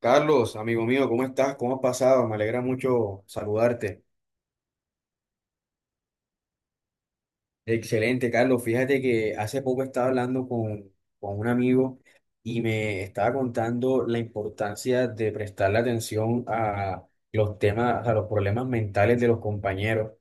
Carlos, amigo mío, ¿cómo estás? ¿Cómo has pasado? Me alegra mucho saludarte. Excelente, Carlos. Fíjate que hace poco estaba hablando con un amigo y me estaba contando la importancia de prestarle atención a los temas, a los problemas mentales de los compañeros,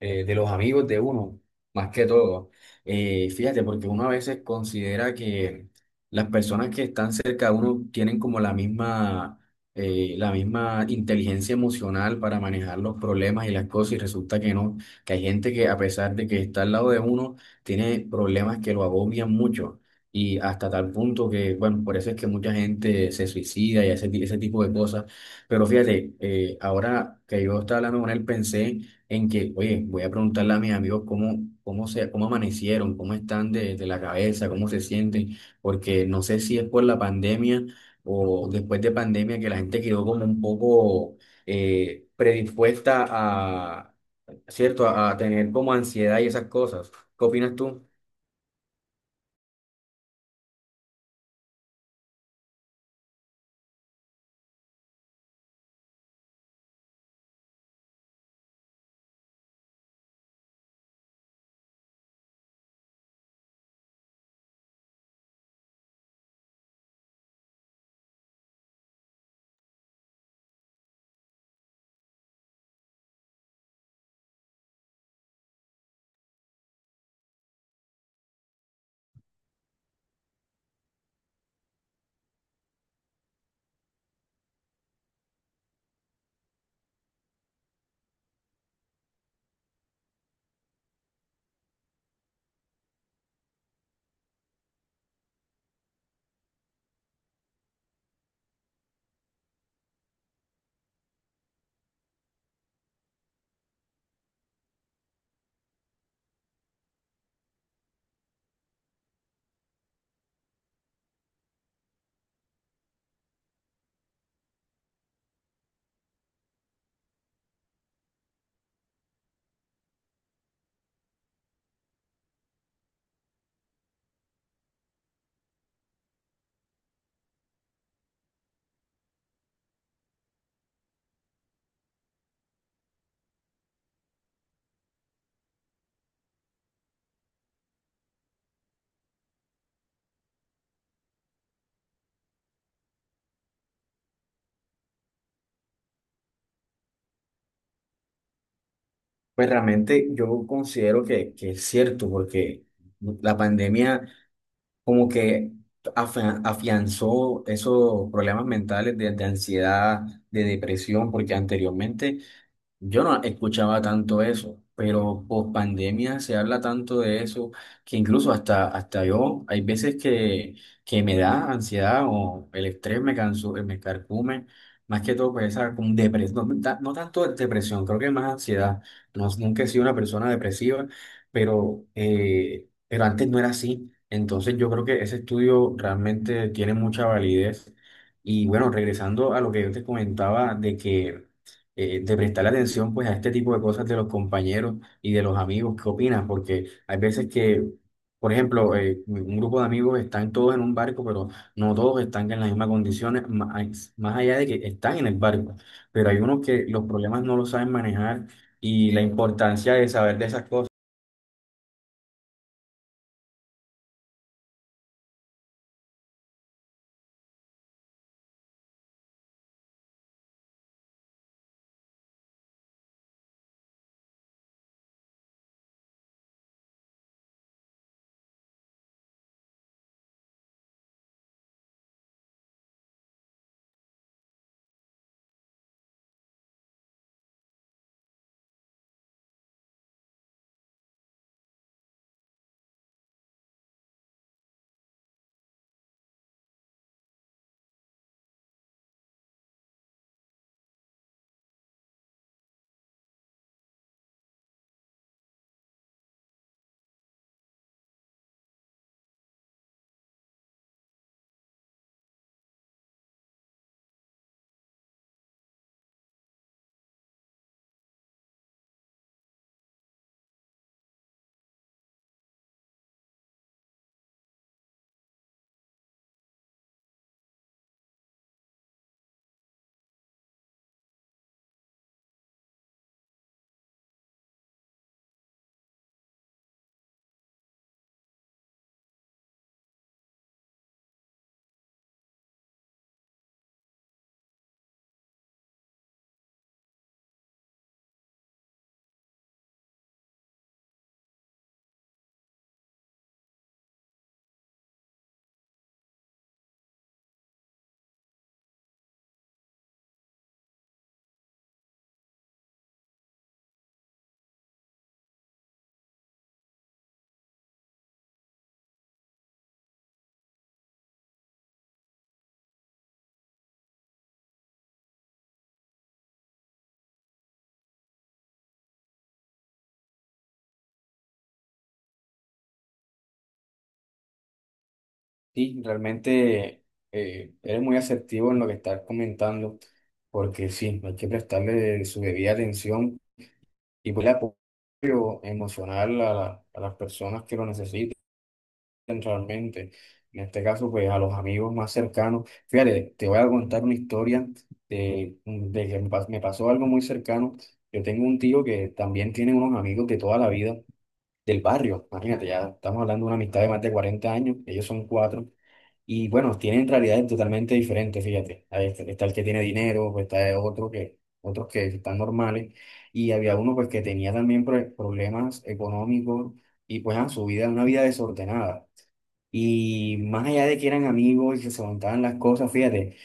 de los amigos de uno, más que todo. Fíjate, porque uno a veces considera que las personas que están cerca de uno tienen como la misma inteligencia emocional para manejar los problemas y las cosas y resulta que no, que hay gente que a pesar de que está al lado de uno, tiene problemas que lo agobian mucho y hasta tal punto que, bueno, por eso es que mucha gente se suicida y hace ese tipo de cosas. Pero fíjate, ahora que yo estaba hablando con él, pensé en que, oye, voy a preguntarle a mis amigos cómo amanecieron, cómo están de la cabeza, cómo se sienten, porque no sé si es por la pandemia o después de pandemia que la gente quedó como un poco predispuesta, ¿cierto? A tener como ansiedad y esas cosas. ¿Qué opinas tú? Pues realmente yo considero que es cierto, porque la pandemia como que afianzó esos problemas mentales de ansiedad, de depresión, porque anteriormente yo no escuchaba tanto eso, pero post pandemia se habla tanto de eso que incluso hasta yo, hay veces que me da ansiedad o el estrés me canso, me carcome, más que todo, pues esa como depresión, no, no tanto depresión, creo que más ansiedad. No, nunca he sido una persona depresiva, pero antes no era así. Entonces yo creo que ese estudio realmente tiene mucha validez. Y bueno, regresando a lo que yo te comentaba de que de prestarle atención pues a este tipo de cosas de los compañeros y de los amigos, ¿qué opinas? Porque hay veces que, por ejemplo, un grupo de amigos están todos en un barco, pero no todos están en las mismas condiciones, más allá de que están en el barco, pero hay unos que los problemas no los saben manejar y la importancia de saber de esas cosas. Sí, realmente eres muy asertivo en lo que estás comentando, porque sí, hay que prestarle su debida atención. Y pues el apoyo emocional a, a las personas que lo necesiten realmente. En este caso, pues a los amigos más cercanos. Fíjate, te voy a contar una historia de que me pasó algo muy cercano. Yo tengo un tío que también tiene unos amigos de toda la vida del barrio. Imagínate, ya estamos hablando de una amistad de más de 40 años, ellos son cuatro. Y bueno, tienen realidades totalmente diferentes, fíjate. Ahí está, está el que tiene dinero, pues, está el otro que, otros que están normales. Y había uno pues que tenía también problemas económicos y pues ah, su vida, una vida desordenada. Y más allá de que eran amigos y que se contaban las cosas, fíjate,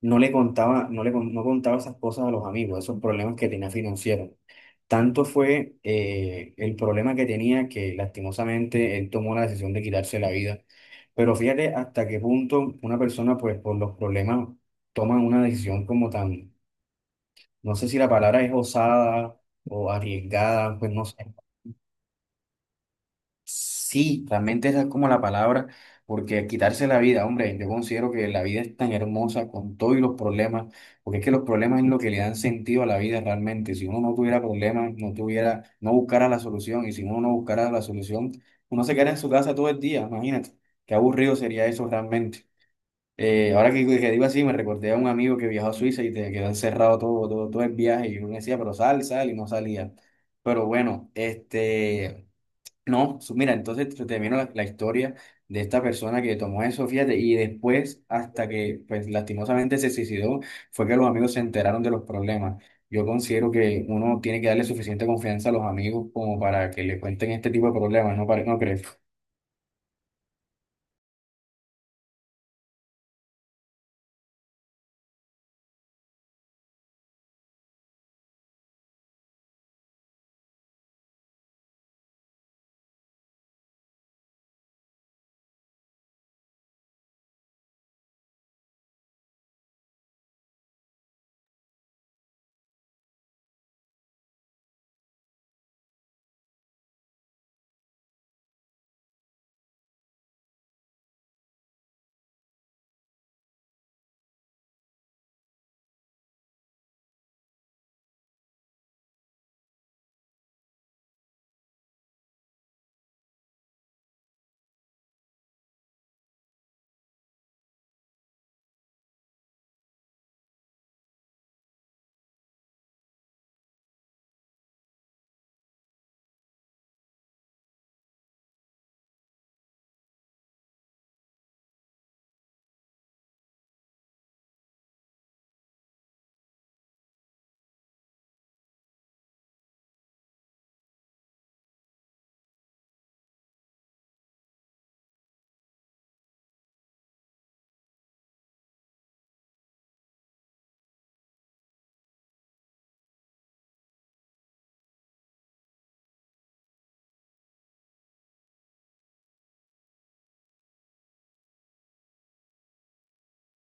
no le contaba, no contaba esas cosas a los amigos, esos problemas que tenía financieros. Tanto fue el problema que tenía que lastimosamente él tomó la decisión de quitarse la vida. Pero fíjate hasta qué punto una persona, pues por los problemas, toma una decisión como tan, no sé si la palabra es osada o arriesgada, pues no sé. Sí, realmente esa es como la palabra, porque quitarse la vida, hombre, yo considero que la vida es tan hermosa con todos los problemas, porque es que los problemas es lo que le dan sentido a la vida realmente. Si uno no tuviera problemas, no tuviera, no buscara la solución, y si uno no buscara la solución, uno se queda en su casa todo el día, imagínate, qué aburrido sería eso realmente. Ahora que digo así, me recordé a un amigo que viajó a Suiza y te quedó encerrado todo el viaje, y uno decía, pero sal, y no salía. Pero bueno, este... No, mira, entonces te termino la historia de esta persona que tomó eso, fíjate, y después, hasta que, pues, lastimosamente se suicidó, fue que los amigos se enteraron de los problemas. Yo considero que uno tiene que darle suficiente confianza a los amigos como para que le cuenten este tipo de problemas, ¿no, no crees?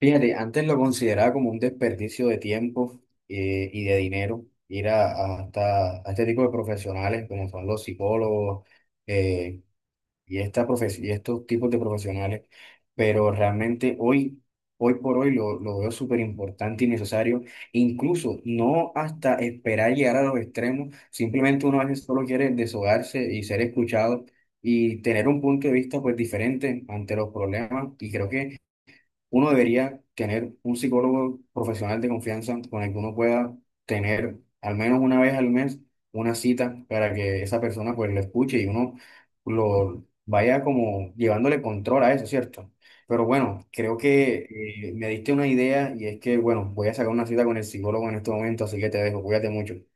Fíjate, antes lo consideraba como un desperdicio de tiempo y de dinero ir a, hasta, a este tipo de profesionales como son los psicólogos, eh, y, y estos tipos de profesionales, pero realmente hoy por hoy lo veo súper importante y necesario, incluso no hasta esperar llegar a los extremos, simplemente uno a veces solo quiere desahogarse y ser escuchado y tener un punto de vista pues diferente ante los problemas y creo que uno debería tener un psicólogo profesional de confianza con el que uno pueda tener al menos una vez al mes una cita para que esa persona pues lo escuche y uno lo vaya como llevándole control a eso, ¿cierto? Pero bueno, creo que me diste una idea y es que, bueno, voy a sacar una cita con el psicólogo en este momento, así que te dejo, cuídate mucho.